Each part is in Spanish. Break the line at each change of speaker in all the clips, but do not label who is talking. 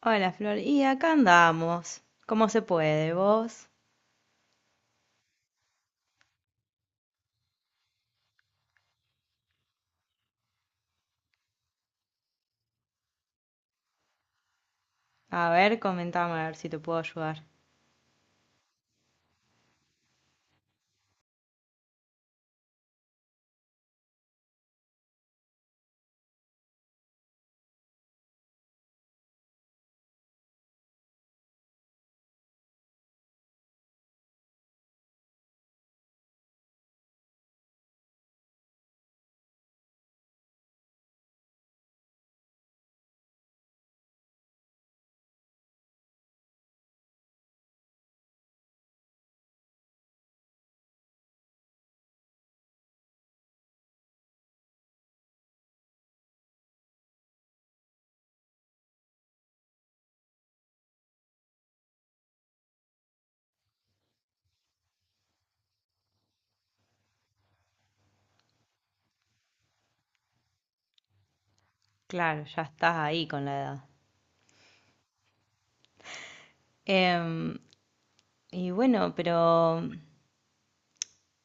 Hola Flor, y acá andamos. ¿Cómo se puede vos? A ver, comentame a ver si te puedo ayudar. Claro, ya estás ahí con la edad. Em, y bueno, pero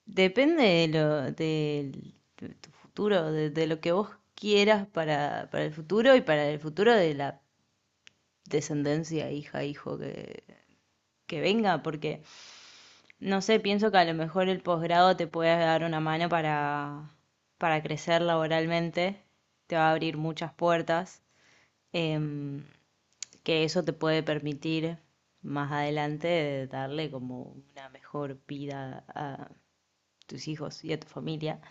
depende de tu futuro, de lo que vos quieras para el futuro y para el futuro de la descendencia, hija, que venga, porque no sé, pienso que a lo mejor el posgrado te puede dar una mano para crecer laboralmente, te va a abrir muchas puertas. em, que eso te puede permitir más adelante darle como una mejor vida a tus hijos y a tu familia.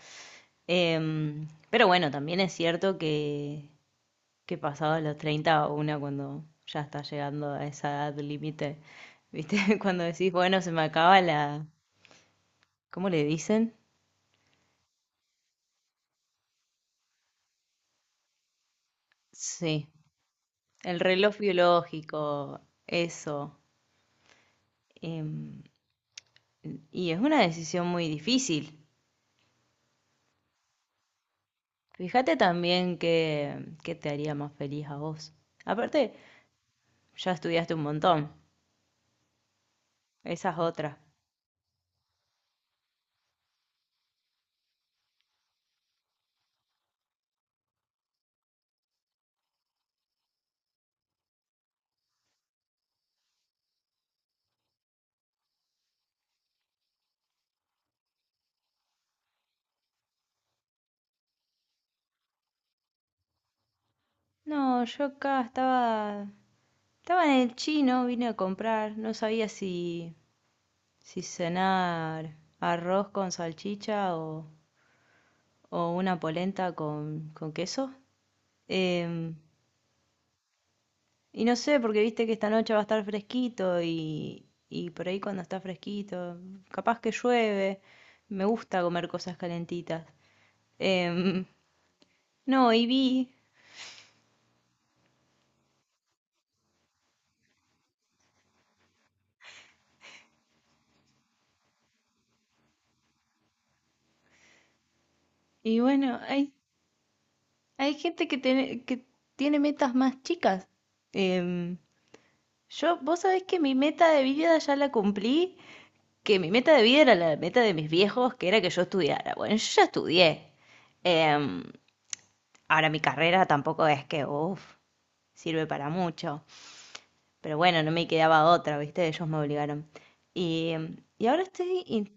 Pero bueno, también es cierto que pasados los 30 una cuando ya está llegando a esa edad límite, ¿viste? Cuando decís, bueno, se me acaba la... ¿Cómo le dicen? Sí, el reloj biológico, eso. em, y es una decisión muy difícil. Fíjate también qué te haría más feliz a vos. Aparte, ya estudiaste un montón. Esa es otra. No, yo acá estaba, estaba en el chino, vine a comprar. No sabía si cenar arroz con salchicha o una polenta con queso. Em, Y no sé, porque viste que esta noche va a estar fresquito y por ahí cuando está fresquito, capaz que llueve. Me gusta comer cosas calentitas. Em, no, y vi, y bueno, hay gente que tiene metas más chicas. Em, yo, vos sabés que mi meta de vida ya la cumplí, que mi meta de vida era la meta de mis viejos, que era que yo estudiara. Bueno, yo ya estudié. Em, Ahora mi carrera tampoco es que, uff, sirve para mucho. Pero bueno, no me quedaba otra, ¿viste? Ellos me obligaron. Y, y ahora estoy, y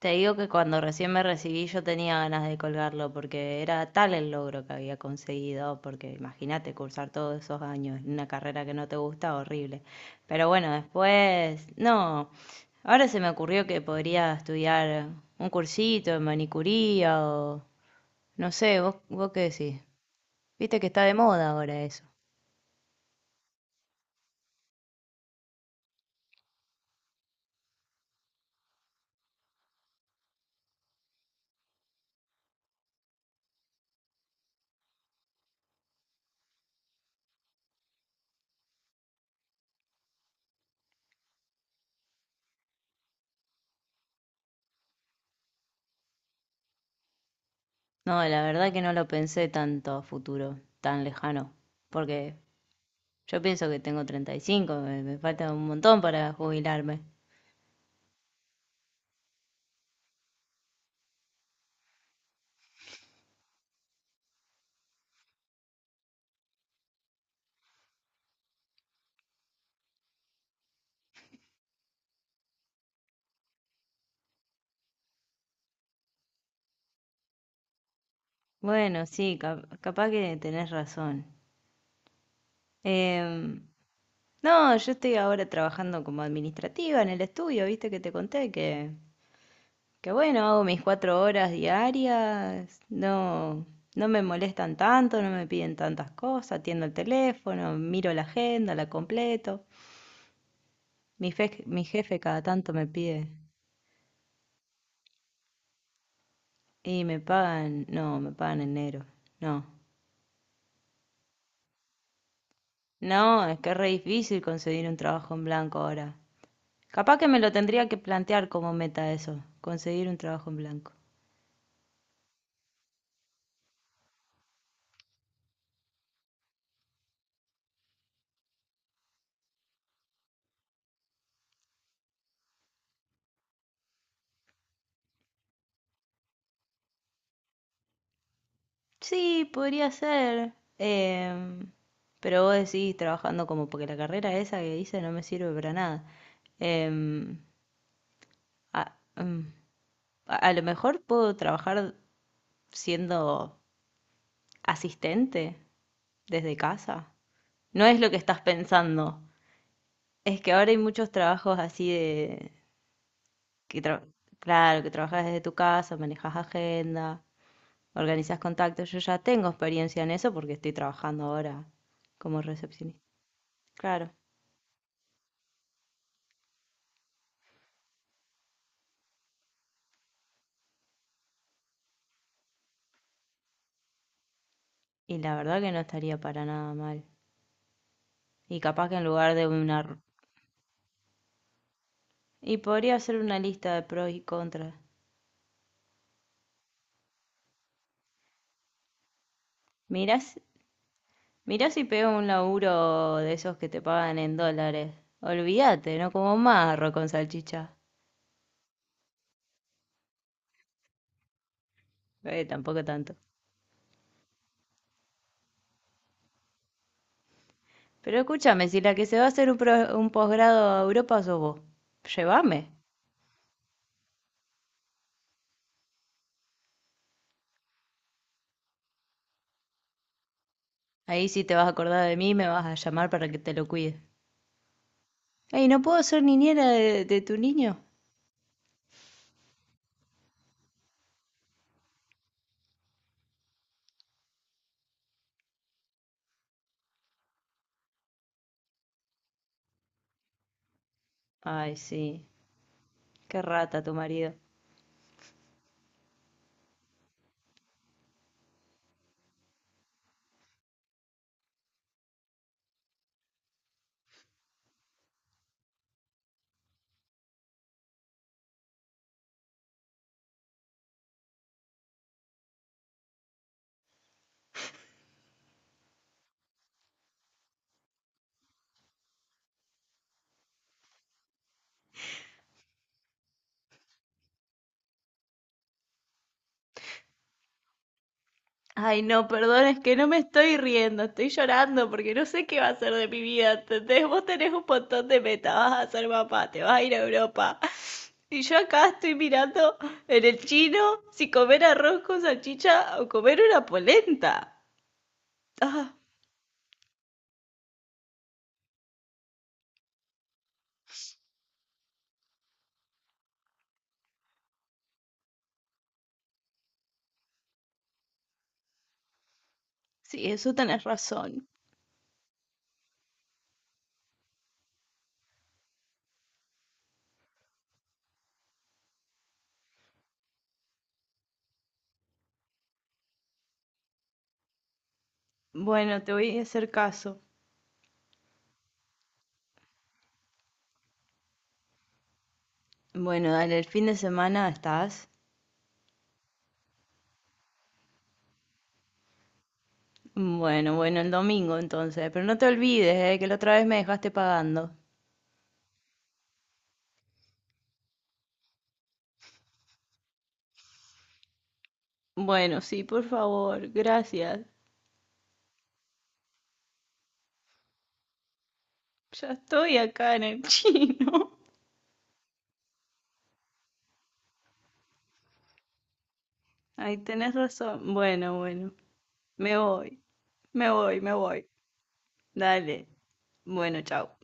te digo que cuando recién me recibí yo tenía ganas de colgarlo porque era tal el logro que había conseguido, porque imagínate cursar todos esos años en una carrera que no te gusta, horrible. Pero bueno, después, no, ahora se me ocurrió que podría estudiar un cursito de manicuría o, no sé, vos qué decís. Viste que está de moda ahora eso. No, la verdad que no lo pensé tanto a futuro, tan lejano, porque yo pienso que tengo 35, me falta un montón para jubilarme. Bueno, sí, capaz que tenés razón. Em, no, yo estoy ahora trabajando como administrativa en el estudio, viste que te conté que bueno, hago mis 4 horas diarias, no, no me molestan tanto, no me piden tantas cosas, atiendo el teléfono, miro la agenda, la completo. Mi jefe cada tanto me pide. Y me pagan, no, me pagan en negro. No. No, es que es re difícil conseguir un trabajo en blanco ahora. Capaz que me lo tendría que plantear como meta eso, conseguir un trabajo en blanco. Sí, podría ser. Pero vos decís trabajando como porque la carrera esa que hice no me sirve para nada. Em, a, em, a lo mejor puedo trabajar siendo asistente desde casa. No es lo que estás pensando. Es que ahora hay muchos trabajos así de que tra- claro, que trabajas desde tu casa, manejas agenda, organizas contactos. Yo ya tengo experiencia en eso porque estoy trabajando ahora como recepcionista. Claro, y la verdad que no estaría para nada mal. Y capaz que en lugar y podría hacer una lista de pros y contras. Mirás, mirá si pego un laburo de esos que te pagan en dólares. Olvídate, no como marro con salchicha. Tampoco tanto. Pero escúchame, si la que se va a hacer un posgrado a Europa sos vos, llévame. Ahí sí te vas a acordar de mí y me vas a llamar para que te lo cuide. Ey, ¿no puedo ser niñera de tu niño? Ay, sí, qué rata tu marido. Ay, no, perdón, es que no me estoy riendo, estoy llorando porque no sé qué va a ser de mi vida, ¿entendés? Vos tenés un montón de metas, vas a ser papá, te vas a ir a Europa. Y yo acá estoy mirando en el chino si comer arroz con salchicha o comer una polenta. Ah. Sí, eso tenés razón. Bueno, te voy a hacer caso. Bueno, dale, el fin de semana estás. Bueno, bueno, el domingo entonces. Pero no te olvides, que la otra vez me dejaste pagando. Bueno, sí, por favor, gracias. Ya estoy acá en el chino. Ay, tenés razón. Bueno, bueno. Me voy, me voy, me voy. Dale. Bueno, chao.